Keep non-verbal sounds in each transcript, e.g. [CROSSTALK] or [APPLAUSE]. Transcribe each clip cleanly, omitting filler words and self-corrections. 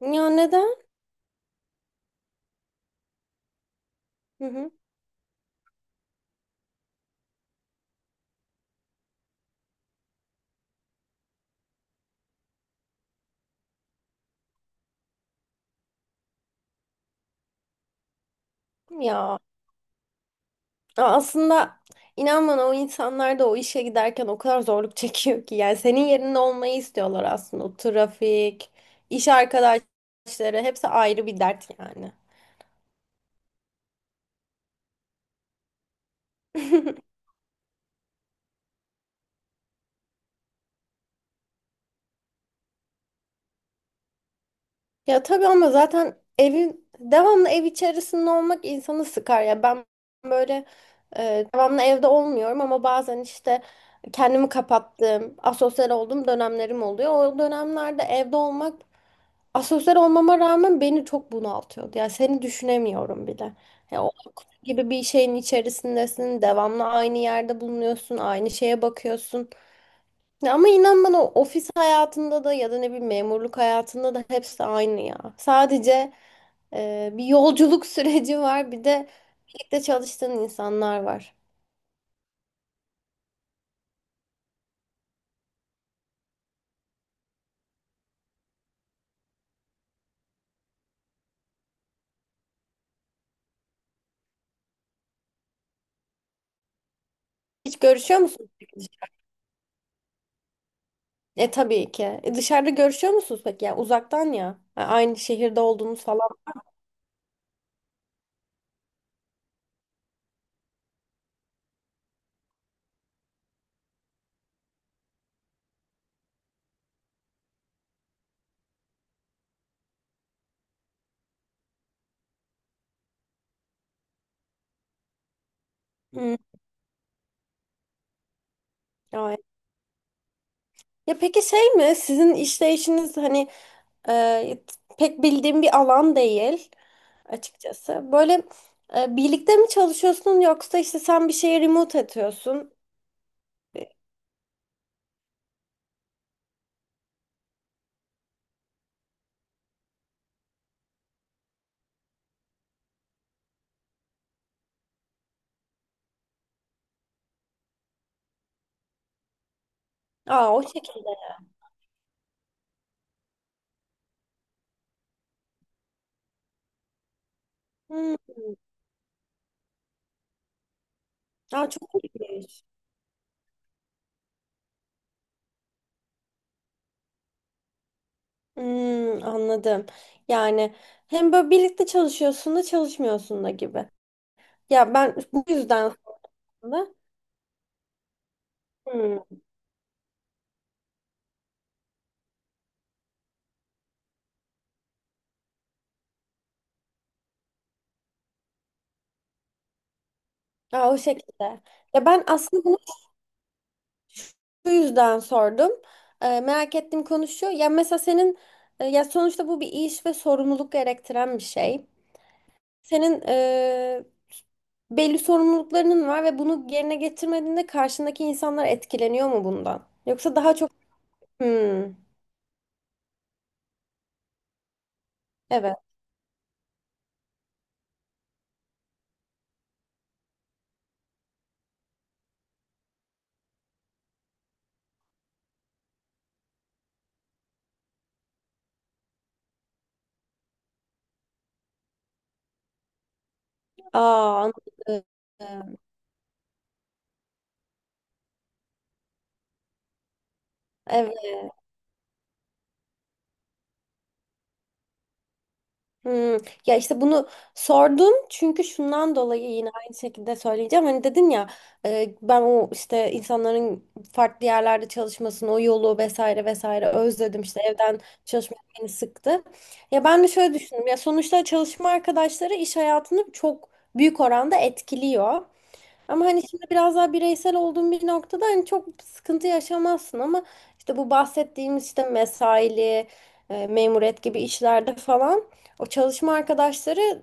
Ya neden? Hı hı. Ya aslında inan bana o insanlar da o işe giderken o kadar zorluk [LAUGHS] çekiyor ki. Yani senin yerinde olmayı istiyorlar aslında. O trafik, iş arkadaşları hepsi ayrı bir dert yani. [LAUGHS] Ya tabii ama zaten evin devamlı ev içerisinde olmak insanı sıkar. Ya ben böyle devamlı evde olmuyorum ama bazen işte kendimi kapattığım, asosyal olduğum dönemlerim oluyor. O dönemlerde evde olmak asosyal olmama rağmen beni çok bunaltıyordu. Yani seni düşünemiyorum bile. Ya o kutu gibi bir şeyin içerisindesin. Devamlı aynı yerde bulunuyorsun. Aynı şeye bakıyorsun. Ya ama inan bana ofis hayatında da ya da ne bileyim memurluk hayatında da hepsi aynı ya. Sadece bir yolculuk [LAUGHS] süreci var. Bir de birlikte çalıştığın insanlar var. Hiç görüşüyor musun? E tabii ki. E, dışarıda görüşüyor musunuz peki? Yani uzaktan ya. Ha, aynı şehirde olduğunuz falan. Hmm, evet. Ya peki şey mi? Sizin işleyişiniz hani e, pek bildiğim bir alan değil açıkçası. Böyle birlikte mi çalışıyorsun yoksa işte sen bir şeye remote atıyorsun? Aa, o şekilde. Hmm. Aa, çok ilginç. Hmm, anladım. Yani hem böyle birlikte çalışıyorsun da çalışmıyorsun da gibi. Ya ben bu yüzden aslında. Hmm. Aa, o şekilde. Ya ben aslında bunu şu yüzden sordum. Merak ettim konu şu. Ya mesela senin ya sonuçta bu bir iş ve sorumluluk gerektiren bir şey. Senin belli sorumluluklarının var ve bunu yerine getirmediğinde karşındaki insanlar etkileniyor mu bundan? Yoksa daha çok hmm, evet. Aa, anladım. Evet. Hmm. Ya işte bunu sordum çünkü şundan dolayı yine aynı şekilde söyleyeceğim. Hani dedin ya ben o işte insanların farklı yerlerde çalışmasını, o yolu vesaire vesaire özledim. İşte evden çalışmak beni sıktı. Ya ben de şöyle düşündüm. Ya sonuçta çalışma arkadaşları iş hayatını çok büyük oranda etkiliyor. Ama hani şimdi biraz daha bireysel olduğum bir noktada hani çok sıkıntı yaşamazsın ama işte bu bahsettiğimiz işte mesaili, memuriyet gibi işlerde falan o çalışma arkadaşları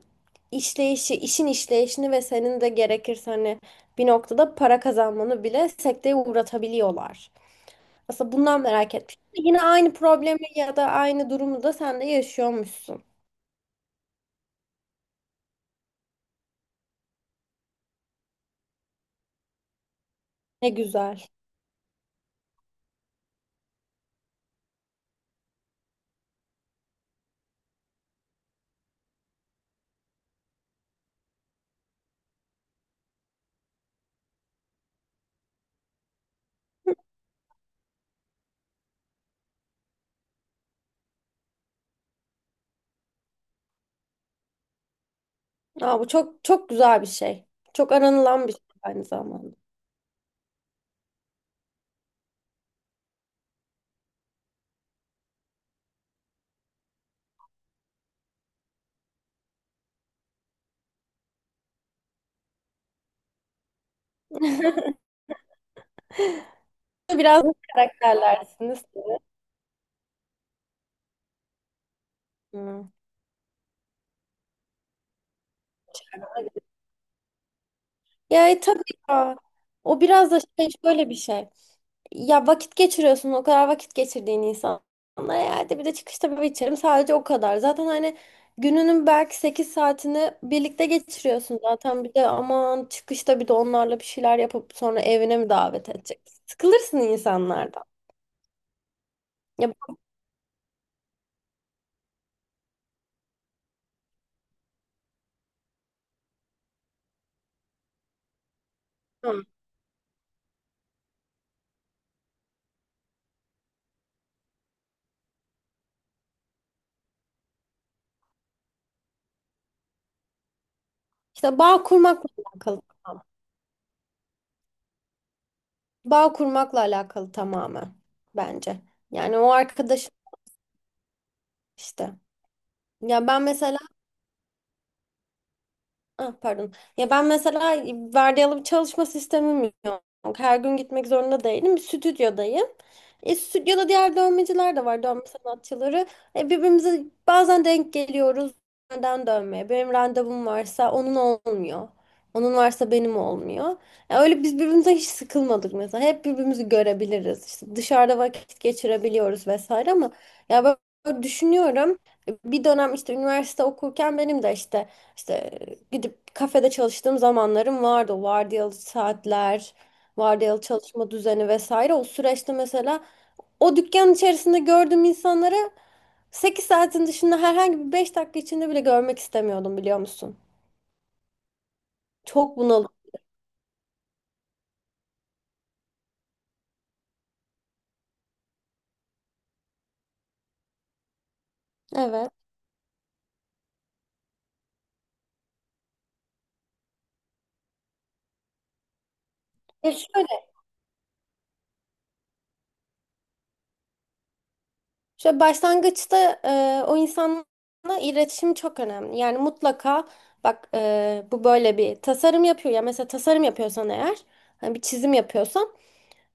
işleyişi, işin işleyişini ve senin de gerekirse hani bir noktada para kazanmanı bile sekteye uğratabiliyorlar. Aslında bundan merak etmiştim. Yine aynı problemi ya da aynı durumu da sen de yaşıyormuşsun. Ne güzel. Aa, bu çok çok güzel bir şey. Çok aranılan bir şey aynı zamanda. [LAUGHS] Biraz da karakterlersiniz. Hı. Ya tabii ya. O biraz da şey, şöyle bir şey. Ya vakit geçiriyorsun, o kadar vakit geçirdiğin insanla. Ya hadi bir de çıkışta bir içerim sadece, o kadar. Zaten hani gününün belki 8 saatini birlikte geçiriyorsun zaten. Bir de aman çıkışta bir de onlarla bir şeyler yapıp sonra evine mi davet edeceksin? Sıkılırsın insanlardan. Ya bilmiyorum. İşte bağ kurmakla alakalı. Tamam. Bağ kurmakla alakalı tamamen, bence. Yani o arkadaş, İşte. Ya ben mesela, ah, pardon. Ya ben mesela vardiyalı bir çalışma sistemim yok. Her gün gitmek zorunda değilim. Bir stüdyodayım. E, stüdyoda diğer dövmeciler de var, dövme sanatçıları. E, birbirimize bazen denk geliyoruz. Neden dövmeye? Benim randevum varsa onun olmuyor. Onun varsa benim olmuyor. E, öyle biz birbirimize hiç sıkılmadık mesela. Hep birbirimizi görebiliriz. İşte dışarıda vakit geçirebiliyoruz vesaire ama ya ben düşünüyorum. E, bir dönem işte üniversite okurken benim de işte gidip kafede çalıştığım zamanlarım vardı. O vardiyalı saatler, vardiyalı çalışma düzeni vesaire. O süreçte mesela o dükkan içerisinde gördüğüm insanları 8 saatin dışında herhangi bir 5 dakika içinde bile görmek istemiyordum, biliyor musun? Çok bunalım. Evet. E şöyle, şöyle başlangıçta o insanla iletişim çok önemli. Yani mutlaka bak, bu böyle bir tasarım yapıyor ya, mesela tasarım yapıyorsan eğer, hani bir çizim yapıyorsan.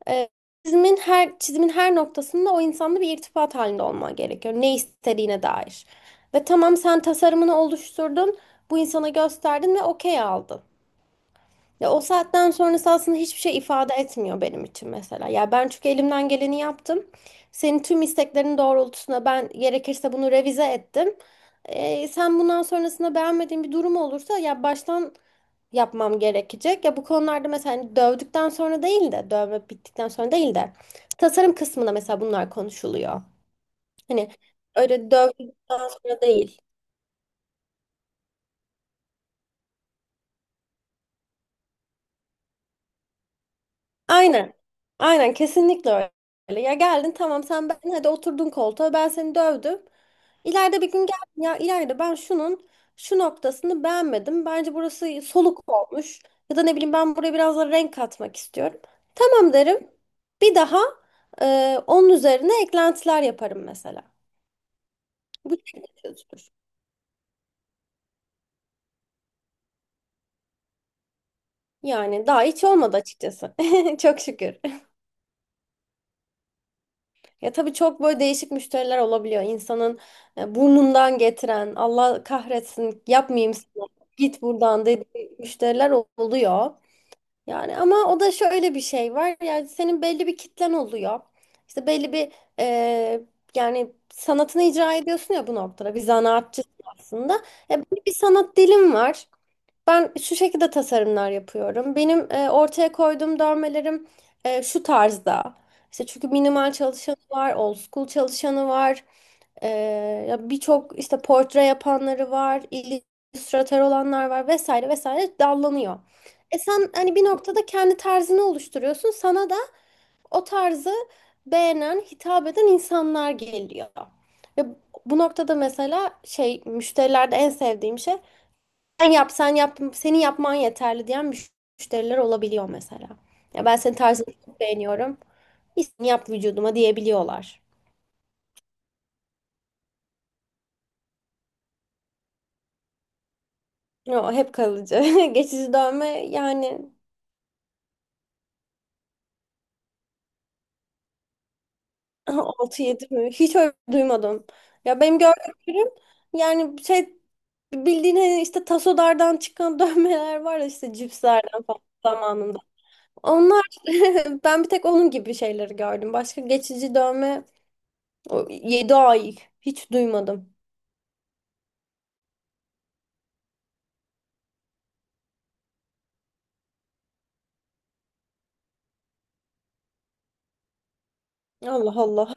Ee, her çizimin her noktasında o insanla bir irtibat halinde olman gerekiyor. Ne istediğine dair. Ve tamam, sen tasarımını oluşturdun, bu insana gösterdin ve okey aldın. Ya o saatten sonrası aslında hiçbir şey ifade etmiyor benim için mesela. Ya ben çünkü elimden geleni yaptım. Senin tüm isteklerin doğrultusunda ben gerekirse bunu revize ettim. Sen bundan sonrasında beğenmediğin bir durum olursa ya baştan yapmam gerekecek. Ya bu konularda mesela hani dövdükten sonra değil de dövme bittikten sonra değil de tasarım kısmında mesela bunlar konuşuluyor. Hani öyle dövdükten sonra değil. Aynen. Aynen, kesinlikle öyle. Ya geldin, tamam sen, ben hadi, oturdun koltuğa, ben seni dövdüm. İleride bir gün geldin, ya ileride ben şunun şu noktasını beğenmedim. Bence burası soluk olmuş. Ya da ne bileyim ben buraya biraz da renk katmak istiyorum. Tamam derim. Bir daha onun üzerine eklentiler yaparım mesela. Bu şekilde çözülür. Yani daha hiç olmadı açıkçası. [LAUGHS] Çok şükür. Ya tabii çok böyle değişik müşteriler olabiliyor. İnsanın burnundan getiren, Allah kahretsin yapmayayım sana, git buradan dediği müşteriler oluyor. Yani ama o da şöyle bir şey var. Yani senin belli bir kitlen oluyor. İşte belli bir e, yani sanatını icra ediyorsun ya bu noktada. Bir zanaatçısın aslında. E, belli bir sanat dilin var. Ben şu şekilde tasarımlar yapıyorum. Benim ortaya koyduğum dövmelerim şu tarzda. İşte çünkü minimal çalışanı var, old school çalışanı var. E, ya birçok işte portre yapanları var, illüstratör olanlar var vesaire vesaire dallanıyor. E sen hani bir noktada kendi tarzını oluşturuyorsun. Sana da o tarzı beğenen, hitap eden insanlar geliyor. Ve bu noktada mesela şey, müşterilerde en sevdiğim şey, sen yap, sen yap, senin yapman yeterli diyen müşteriler olabiliyor mesela. Ya ben senin tarzını çok beğeniyorum. İstediğini yap vücuduma diyebiliyorlar. Yo, hep kalıcı. [LAUGHS] Geçici dövme yani [LAUGHS] altı yedi mi? Hiç öyle duymadım. Ya benim gördüğüm ürün yani şey, bildiğin hani işte tasolardan çıkan [LAUGHS] dövmeler var ya işte cipslerden falan zamanında. Onlar, [LAUGHS] ben bir tek onun gibi şeyleri gördüm. Başka geçici dövme 7 ay hiç duymadım. Allah Allah.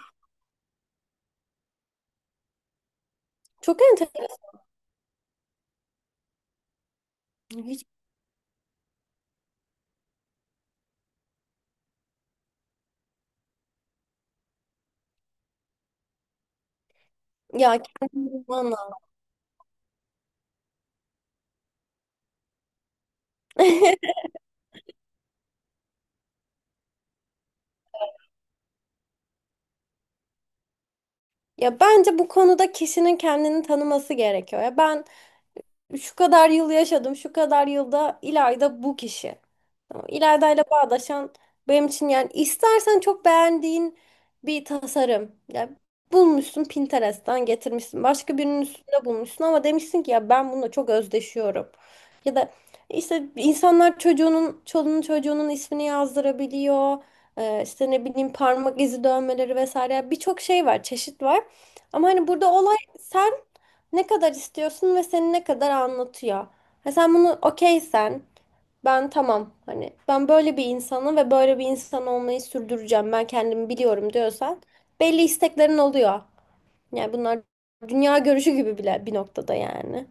Çok enteresan. Hiç... Ya kendini bulman lazım. [LAUGHS] Ya bence bu konuda kişinin kendini tanıması gerekiyor. Ya ben şu kadar yıl yaşadım, şu kadar yılda İlayda bu kişi. Tamam, İlayda ile bağdaşan benim için yani, istersen çok beğendiğin bir tasarım. Ya bulmuşsun, Pinterest'ten getirmişsin. Başka birinin üstünde bulmuşsun ama demişsin ki ya ben bununla çok özdeşiyorum. Ya da işte insanlar çocuğunun, çoluğunun çocuğunun ismini yazdırabiliyor. İşte ne bileyim parmak izi dövmeleri vesaire. Birçok şey var, çeşit var. Ama hani burada olay sen ne kadar istiyorsun ve seni ne kadar anlatıyor. Ha, sen bunu okeysen, ben tamam hani ben böyle bir insanım ve böyle bir insan olmayı sürdüreceğim ben kendimi biliyorum diyorsan belli isteklerin oluyor. Yani bunlar dünya görüşü gibi bile bir noktada yani.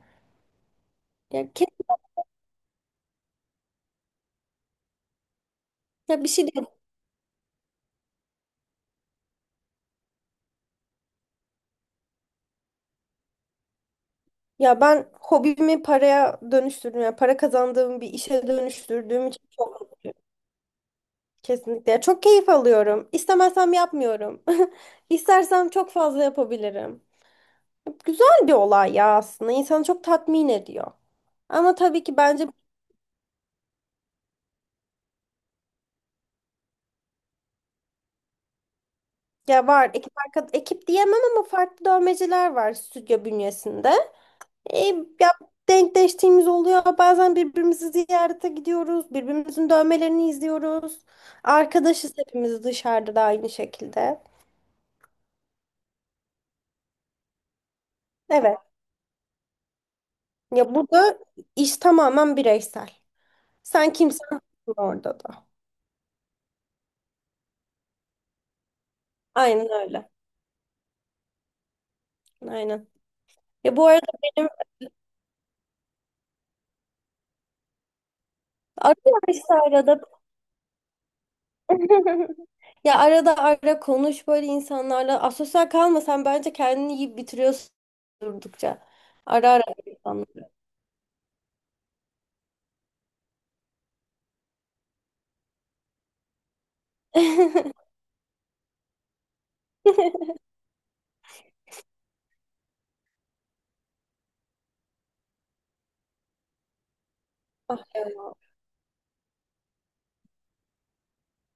Ya, ya bir şey değil. Ya ben hobimi paraya dönüştürdüm. Ya para kazandığım bir işe dönüştürdüğüm için çok mutluyum. Kesinlikle. Ya çok keyif alıyorum. İstemezsem yapmıyorum. [LAUGHS] İstersem çok fazla yapabilirim. Güzel bir olay ya aslında. İnsanı çok tatmin ediyor. Ama tabii ki bence ya var ekip, ekip diyemem ama farklı dövmeciler var stüdyo bünyesinde. E, ya denkleştiğimiz oluyor. Bazen birbirimizi ziyarete gidiyoruz. Birbirimizin dövmelerini izliyoruz. Arkadaşız hepimiz, dışarıda da aynı şekilde. Evet. Ya burada iş tamamen bireysel. Sen kimsen orada da. Aynen öyle. Aynen. Ya bu arada benim arıyor işte arada. [LAUGHS] Ya arada ara konuş böyle insanlarla. Asosyal kalmasan, bence kendini yiyip bitiriyorsun durdukça. Ara ara insanlar. [LAUGHS] Ah, evet.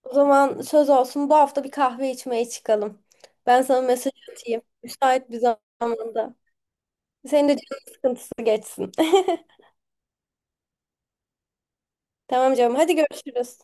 O zaman söz olsun, bu hafta bir kahve içmeye çıkalım. Ben sana mesaj atayım. Müsait bir zamanda. Senin de canın sıkıntısı geçsin. [LAUGHS] Tamam canım, hadi görüşürüz.